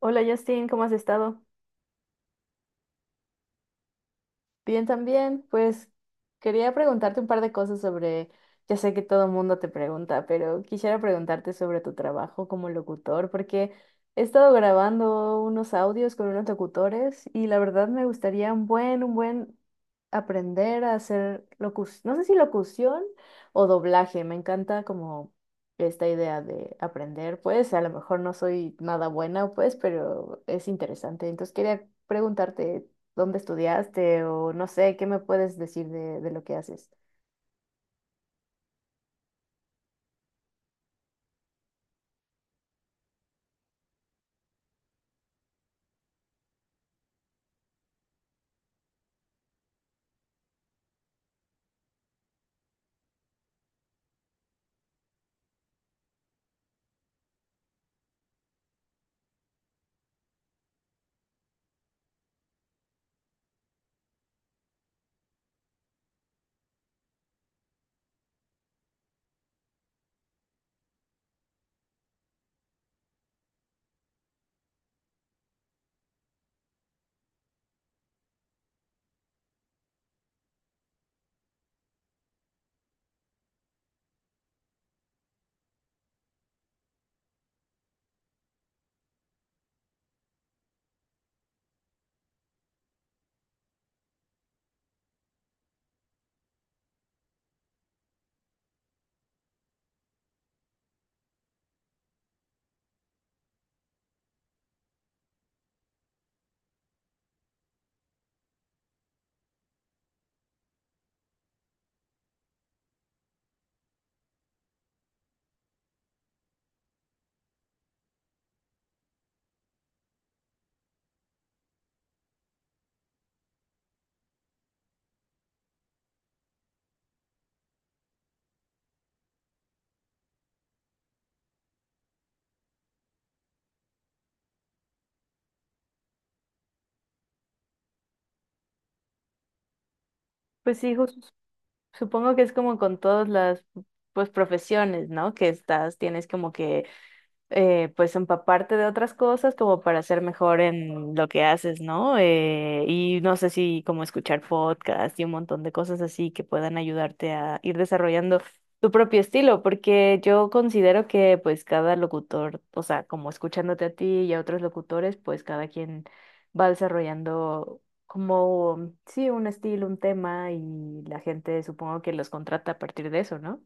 Hola Justin, ¿cómo has estado? Bien también, pues quería preguntarte un par de cosas sobre, ya sé que todo el mundo te pregunta, pero quisiera preguntarte sobre tu trabajo como locutor, porque he estado grabando unos audios con unos locutores y la verdad me gustaría un buen aprender a hacer locución, no sé si locución o doblaje, me encanta como esta idea de aprender, pues a lo mejor no soy nada buena, pues, pero es interesante. Entonces quería preguntarte, dónde estudiaste o no sé, ¿qué me puedes decir de lo que haces? Pues sí, supongo que es como con todas las pues profesiones, ¿no? Que estás, tienes como que pues empaparte de otras cosas como para ser mejor en lo que haces, ¿no? Y no sé si como escuchar podcasts y un montón de cosas así que puedan ayudarte a ir desarrollando tu propio estilo, porque yo considero que pues cada locutor, o sea, como escuchándote a ti y a otros locutores, pues cada quien va desarrollando como, sí, un estilo, un tema y la gente supongo que los contrata a partir de eso, ¿no?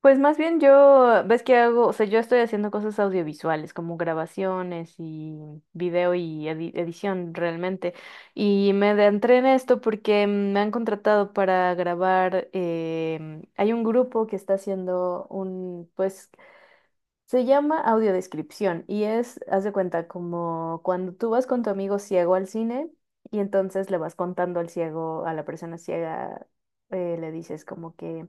Pues más bien yo, ves que hago, o sea, yo estoy haciendo cosas audiovisuales, como grabaciones y video y edición realmente. Y me adentré en esto porque me han contratado para grabar, hay un grupo que está haciendo un, pues, se llama audiodescripción y es, haz de cuenta, como cuando tú vas con tu amigo ciego al cine y entonces le vas contando al ciego, a la persona ciega, le dices como que...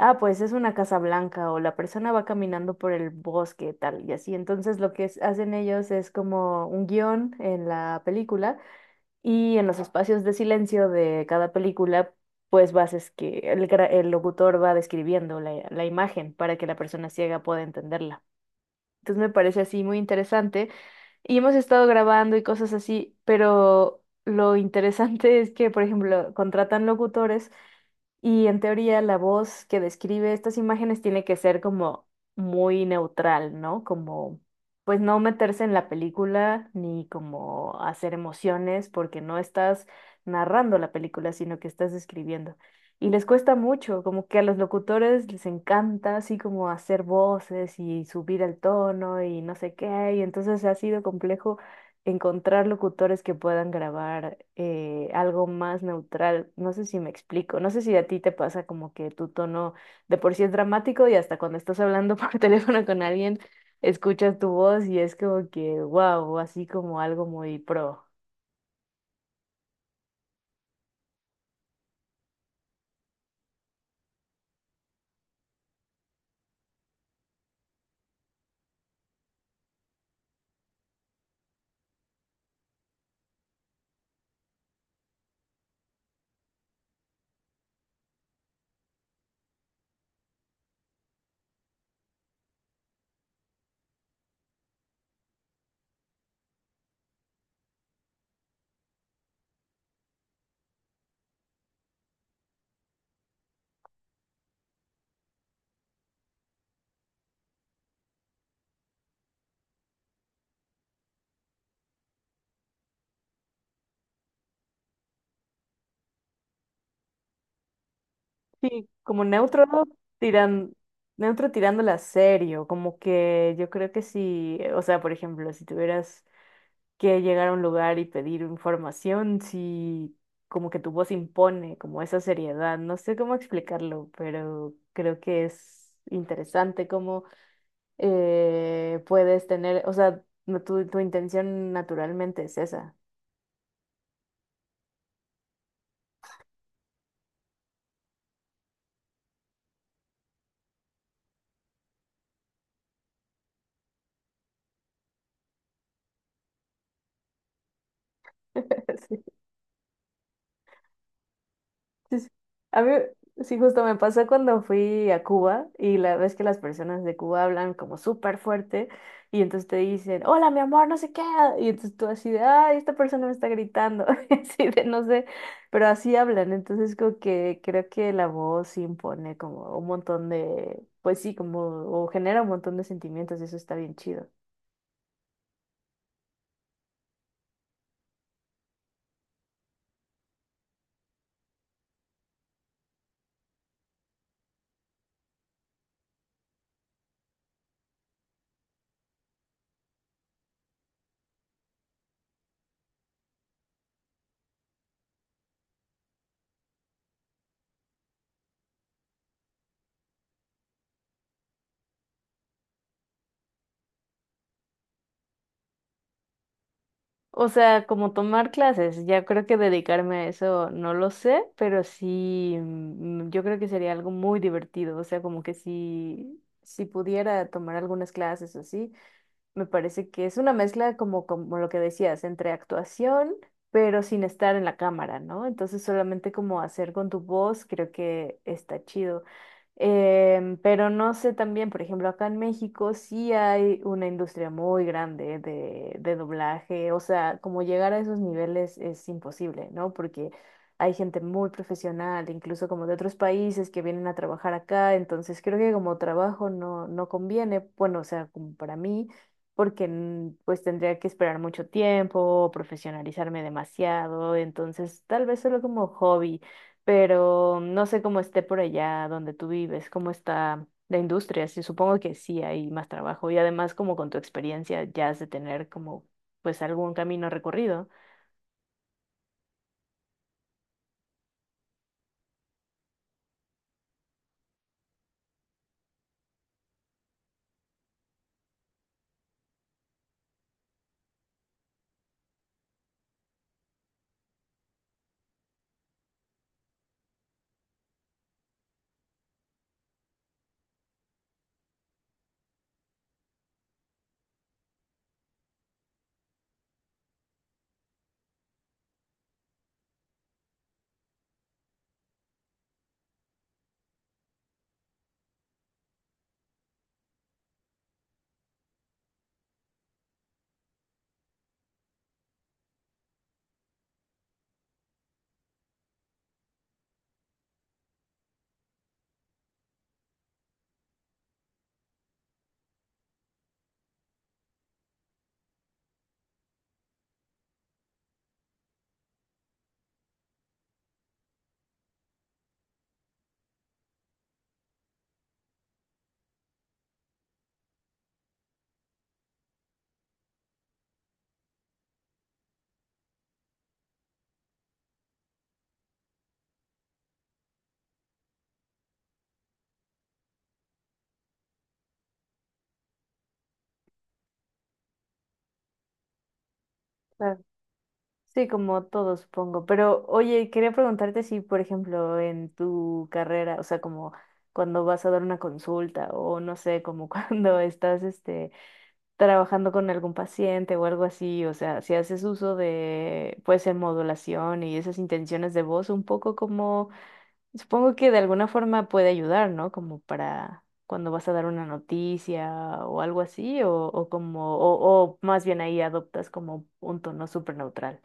Ah, pues es una casa blanca o la persona va caminando por el bosque, tal y así. Entonces lo que hacen ellos es como un guión en la película y en los espacios de silencio de cada película, pues vas es que el, el locutor va describiendo la imagen para que la persona ciega pueda entenderla. Entonces me parece así muy interesante y hemos estado grabando y cosas así, pero lo interesante es que, por ejemplo, contratan locutores y en teoría la voz que describe estas imágenes tiene que ser como muy neutral, ¿no? Como pues no meterse en la película ni como hacer emociones porque no estás narrando la película, sino que estás describiendo. Y les cuesta mucho, como que a los locutores les encanta así como hacer voces y subir el tono y no sé qué, y entonces ha sido complejo encontrar locutores que puedan grabar algo más neutral. No sé si me explico, no sé si a ti te pasa como que tu tono de por sí es dramático y hasta cuando estás hablando por teléfono con alguien, escuchas tu voz y es como que, wow, así como algo muy pro. Sí, como neutro tiran, neutro tirándola serio, como que yo creo que si, o sea, por ejemplo, si tuvieras que llegar a un lugar y pedir información si como que tu voz impone como esa seriedad. No sé cómo explicarlo, pero creo que es interesante cómo puedes tener, o sea, tu, tu intención naturalmente es esa. Sí, sí. A mí, sí, justo me pasó cuando fui a Cuba y la vez que las personas de Cuba hablan como súper fuerte y entonces te dicen, hola, mi amor, no sé qué. Y entonces tú así de, ay, esta persona me está gritando, así de, no sé, pero así hablan. Entonces como que creo que la voz sí impone como un montón de, pues sí, como, o genera un montón de sentimientos y eso está bien chido. O sea, como tomar clases, ya creo que dedicarme a eso no lo sé, pero sí, yo creo que sería algo muy divertido, o sea, como que si, si pudiera tomar algunas clases o así, me parece que es una mezcla como, como lo que decías, entre actuación, pero sin estar en la cámara, ¿no? Entonces solamente como hacer con tu voz, creo que está chido. Pero no sé también, por ejemplo, acá en México sí hay una industria muy grande de doblaje, o sea, como llegar a esos niveles es imposible, ¿no? Porque hay gente muy profesional, incluso como de otros países que vienen a trabajar acá, entonces creo que como trabajo no, no conviene, bueno, o sea, como para mí porque pues tendría que esperar mucho tiempo, profesionalizarme demasiado, entonces tal vez solo como hobby, pero no sé cómo esté por allá donde tú vives, cómo está la industria, sí, supongo que sí hay más trabajo y además como con tu experiencia ya has de tener como pues algún camino recorrido. Claro. Sí, como todos supongo, pero oye, quería preguntarte si, por ejemplo, en tu carrera, o sea, como cuando vas a dar una consulta o no sé, como cuando estás, este, trabajando con algún paciente o algo así, o sea, si haces uso de, puede ser modulación y esas intenciones de voz, un poco como, supongo que de alguna forma puede ayudar, ¿no? Como para cuando vas a dar una noticia o algo así, o como, o más bien ahí adoptas como un tono súper neutral.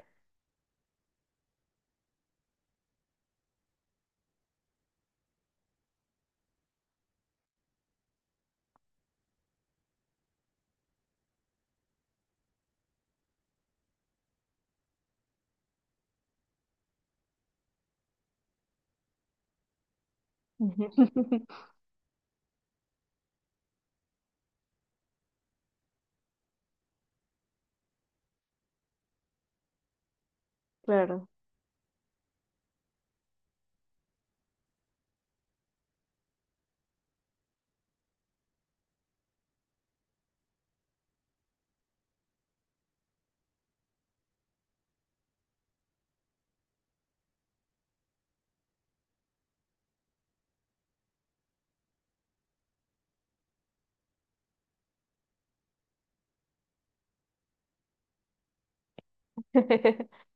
Ujú. Claro.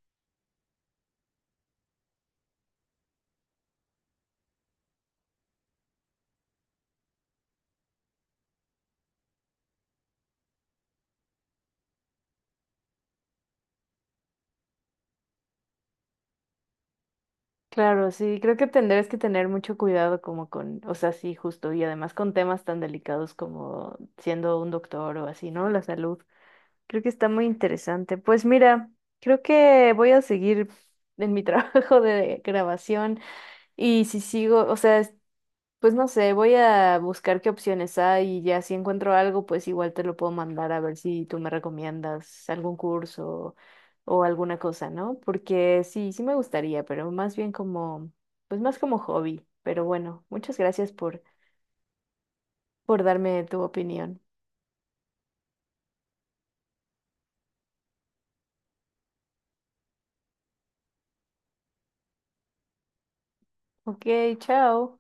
Claro, sí, creo que tendrás que tener mucho cuidado como con, o sea, sí, justo, y además con temas tan delicados como siendo un doctor o así, ¿no? La salud. Creo que está muy interesante. Pues mira, creo que voy a seguir en mi trabajo de grabación y si sigo, o sea, pues no sé, voy a buscar qué opciones hay y ya si encuentro algo, pues igual te lo puedo mandar a ver si tú me recomiendas algún curso o alguna cosa, ¿no? Porque sí, sí me gustaría, pero más bien como, pues más como hobby. Pero bueno, muchas gracias por darme tu opinión. Ok, chao.